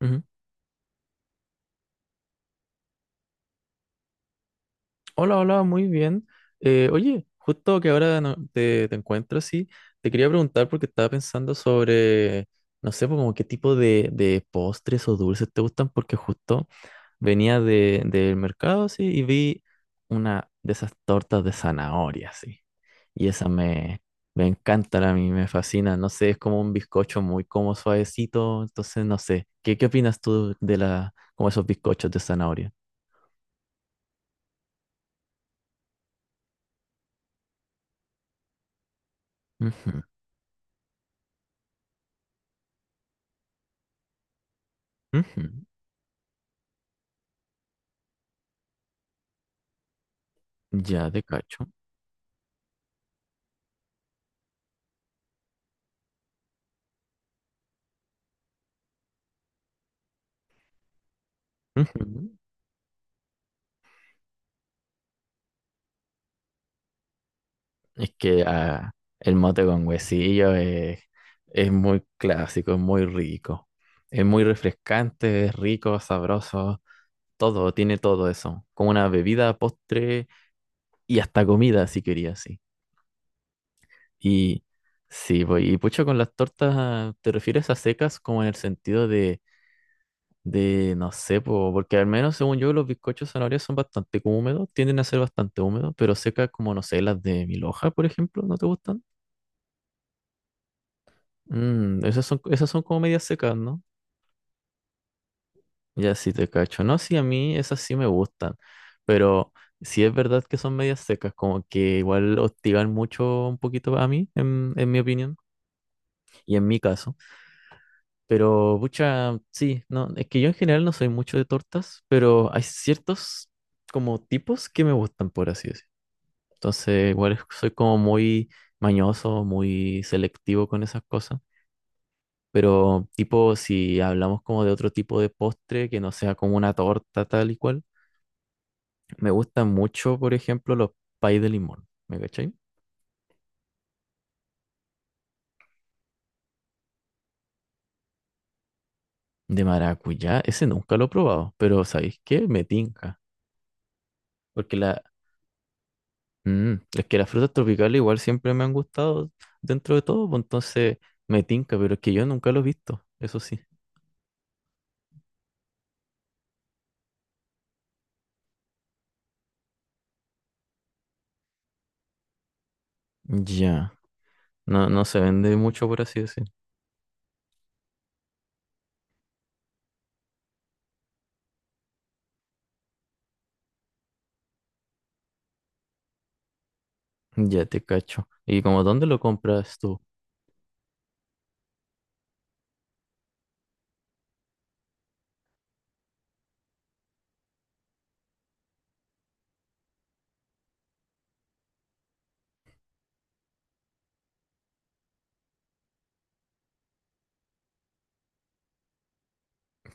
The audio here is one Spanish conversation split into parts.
Ujú. Hola, hola, muy bien. Oye, justo que ahora te encuentro así, te quería preguntar porque estaba pensando sobre, no sé, pues, como qué tipo de postres o dulces te gustan, porque justo venía del mercado así y vi una de esas tortas de zanahoria así. Y esa me encanta a mí, me fascina. No sé, es como un bizcocho muy como suavecito, entonces no sé. ¿Qué opinas tú de la, como esos bizcochos de zanahoria? Ujú, ujú. Ya te cacho. Ujú. Es que el mote con huesillo es muy clásico, es muy rico. Es muy refrescante, es rico, sabroso, todo, tiene todo eso. Como una bebida, postre y hasta comida, si querías, sí. Y sí, pues, y pucha, con las tortas, ¿te refieres a secas como en el sentido de, no sé, po, porque al menos según yo los bizcochos de zanahoria son bastante como húmedos, tienden a ser bastante húmedos, pero secas como, no sé, las de Miloja, por ejemplo, ¿no te gustan? Mm, esas son como medias secas, ¿no? Ya sí te cacho. No, sí, a mí esas sí me gustan, pero sí es verdad que son medias secas, como que igual hostigan mucho un poquito a mí, en mi opinión, y en mi caso. Pero, pucha, sí, no, es que yo en general no soy mucho de tortas, pero hay ciertos como tipos que me gustan, por así decirlo. Entonces, igual soy como muy mañoso, muy selectivo con esas cosas. Pero tipo, si hablamos como de otro tipo de postre que no sea como una torta tal y cual, me gustan mucho, por ejemplo, los pay de limón, ¿me cachai? De maracuyá, ese nunca lo he probado, pero ¿sabéis qué? Me tinca. Porque es que las frutas tropicales igual siempre me han gustado dentro de todo, pues entonces me tinca, pero es que yo nunca lo he visto, eso sí. Ya, no, no se vende mucho, por así decir. Ya te cacho. ¿Y como dónde lo compras tú?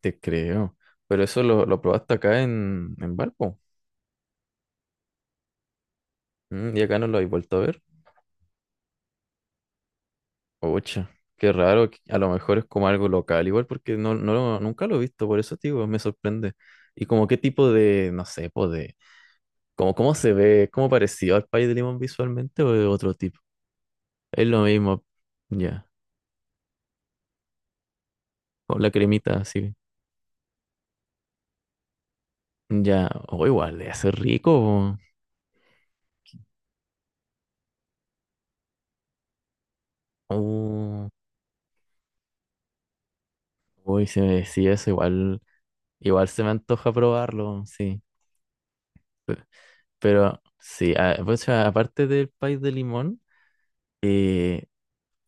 Te creo. Pero eso lo probaste acá en Valpo. Mm, y acá no lo habéis vuelto a ver. Ocha, qué raro. A lo mejor es como algo local, igual porque nunca lo he visto, por eso, tío, me sorprende. Y como qué tipo de, no sé, pues de, como cómo se ve, cómo parecido al pay de limón visualmente o de otro tipo. Es lo mismo, ya, con la cremita así. Ya, o igual, debe ser rico. Po. Uy, si me decía eso, igual. Igual se me antoja probarlo, sí. Pe- Pero sí, pues, aparte del país de limón,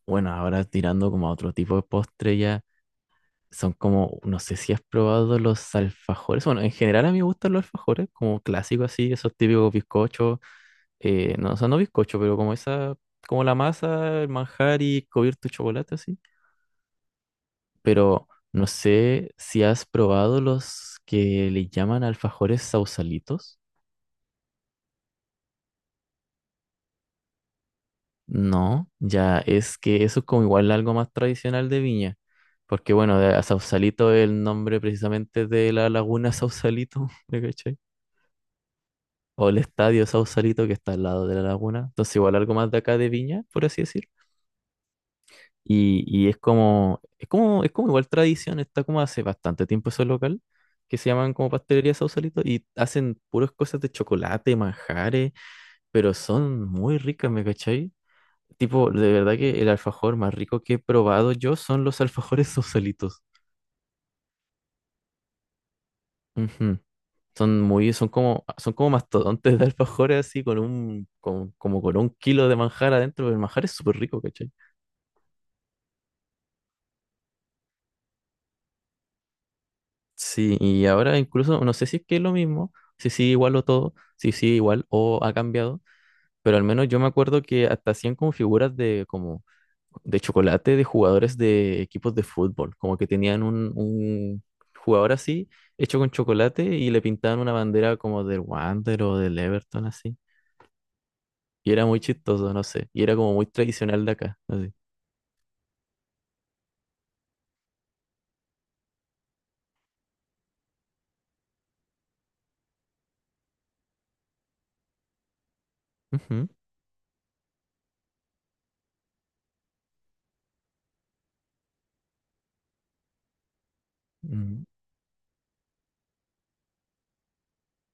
bueno, ahora tirando como a otro tipo de postre ya, son como, no sé si has probado los alfajores. Bueno, en general a mí me gustan los alfajores, como clásicos así, esos típicos bizcochos, no, o sea, no bizcocho, pero como esa, como la masa, el manjar y cubierto de chocolate así. Pero no sé si has probado los que le llaman alfajores sausalitos. No, ya es que eso es como igual algo más tradicional de Viña, porque bueno, a Sausalito es el nombre precisamente de la laguna Sausalito, ¿me cachai? O el estadio Sausalito que está al lado de la laguna, entonces igual algo más de acá de Viña, por así decir. Y es como igual tradición, está como hace bastante tiempo ese local, que se llaman como pastelería Sausalito, y hacen puras cosas de chocolate, manjares, pero son muy ricas, ¿me cachai? Tipo, de verdad que el alfajor más rico que he probado yo son los alfajores sosolitos. Ujú. Son muy, son como mastodontes de alfajores así como con un kilo de manjar adentro. Pero el manjar es súper rico, ¿cachai? Sí, y ahora incluso, no sé si es que es lo mismo, si sí igual o todo, si sí igual o ha cambiado, pero al menos yo me acuerdo que hasta hacían como figuras de como de chocolate de jugadores de equipos de fútbol, como que tenían un jugador así, hecho con chocolate y le pintaban una bandera como del Wander o del Everton así. Y era muy chistoso, no sé, y era como muy tradicional de acá, así. Ujú. mm,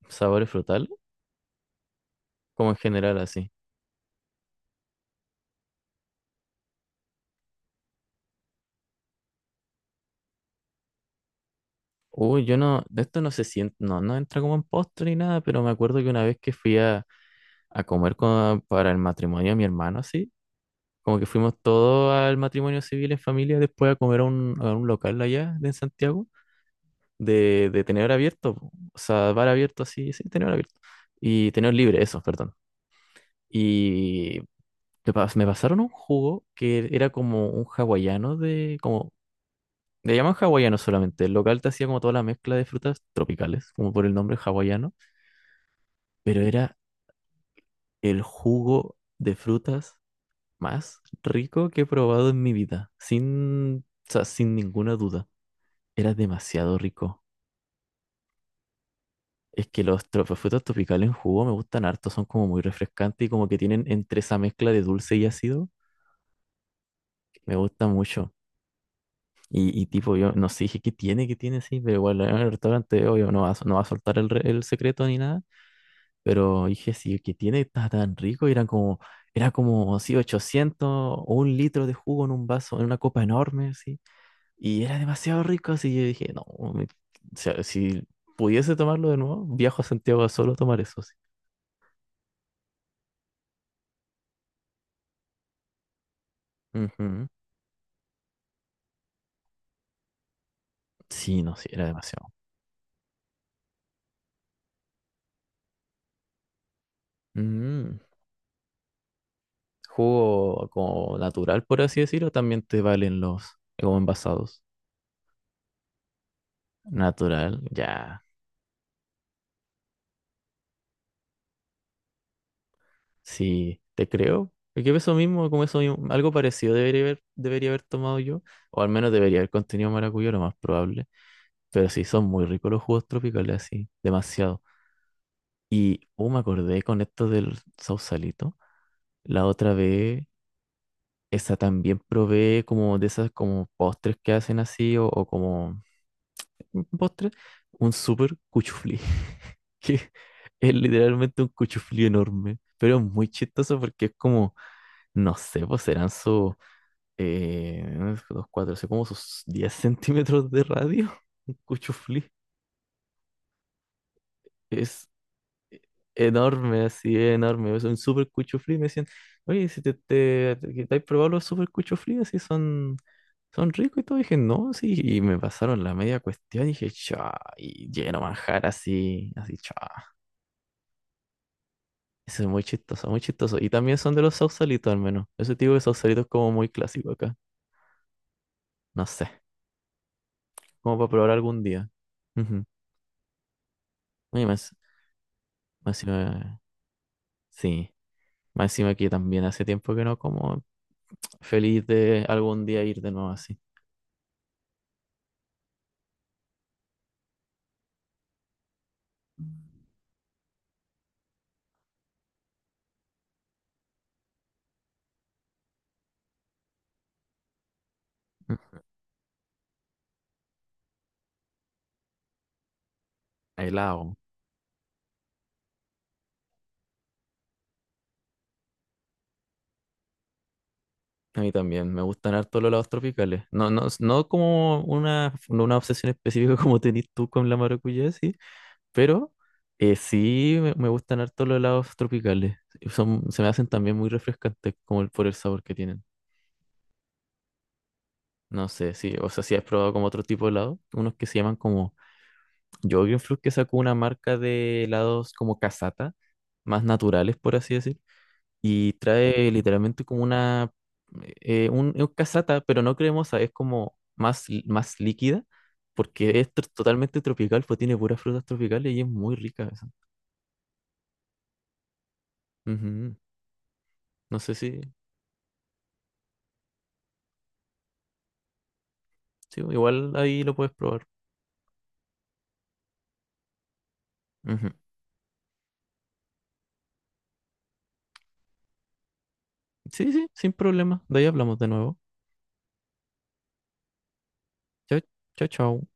Sabores frutales, como en general así. Uy, yo no, de esto no se siente, no, no entra como en postre ni nada, pero me acuerdo que una vez que fui a comer para el matrimonio de mi hermano así, como que fuimos todos al matrimonio civil en familia después a comer a un local allá de Santiago, de tenedor abierto, po. O sea, bar abierto así, sí, tenedor abierto. Y tenedor libre, eso, perdón. Y me pasaron un jugo que era como un hawaiano de, como, le llaman hawaiano solamente. El local te hacía como toda la mezcla de frutas tropicales, como por el nombre hawaiano, pero era el jugo de frutas más rico que he probado en mi vida, sin, o sea, sin ninguna duda. Era demasiado rico. Es que los frutos tropicales en jugo me gustan harto, son como muy refrescantes y como que tienen entre esa mezcla de dulce y ácido, me gusta mucho. Y tipo, yo no sé, dije, ¿qué tiene? ¿Qué tiene? Sí, pero igual en el restaurante, obvio, no va a soltar el secreto ni nada. Pero dije, sí, ¿qué tiene? Está tan rico. Y eran como, era como, sí, 800 o un litro de jugo en un vaso, en una copa enorme, sí. Y era demasiado rico, así yo dije, no, me- o sea, si pudiese tomarlo de nuevo, viajo a Santiago a solo tomar eso. Ujú. Sí, no, sí, era demasiado. Mm. Jugo como natural, por así decirlo, también te valen los como envasados. Natural, ya. Sí, te creo. Porque eso mismo, como eso mismo, algo parecido debería haber tomado yo. O al menos debería haber contenido maracuyá, lo más probable. Pero sí, son muy ricos los jugos tropicales, así, demasiado. Y, oh, me acordé con esto del sausalito. La otra vez esa también provee como de esas como postres que hacen así o como un postre, un super cuchuflí, que es literalmente un cuchuflí enorme, pero es muy chistoso porque es como, no sé, pues serán sus, unos dos, cuatro, así como sus 10 centímetros de radio, un cuchuflí, es enorme, así es enorme, es un super cuchuflí, me decían, oye, si que te has probado los super cuchuflí, así son ricos y todo. Dije, no, sí. Y me pasaron la media cuestión. Dije, cha. Y lleno manjar así, así, cha. Eso es muy chistoso, muy chistoso. Y también son de los sausalitos, al menos. Ese tipo de sausalito es como muy clásico acá. No sé. Como para probar algún día. Ujú. Oye, más encima, sí. Más encima que también hace tiempo que no como. Feliz de algún día ir de nuevo así. Mm. Helado. A mí también, me gustan harto los helados tropicales. No, no, no como una, no una obsesión específica como tenés tú con la maracuyá, sí, pero sí me gustan harto los helados tropicales. Son, se me hacen también muy refrescantes como el, por el sabor que tienen. No sé, sí, o sea, si has probado como otro tipo de helado, unos que se llaman como fruit que sacó una marca de helados como casata, más naturales, por así decir y trae literalmente como una, un, es casata, pero no cremosa, es como más, más líquida, porque es totalmente tropical, pues tiene puras frutas tropicales y es muy rica esa. Ujú. No sé si, sí, igual ahí lo puedes probar. Ujú. Sí, sí, sin problema. De ahí hablamos de nuevo. Chao, chao, chao.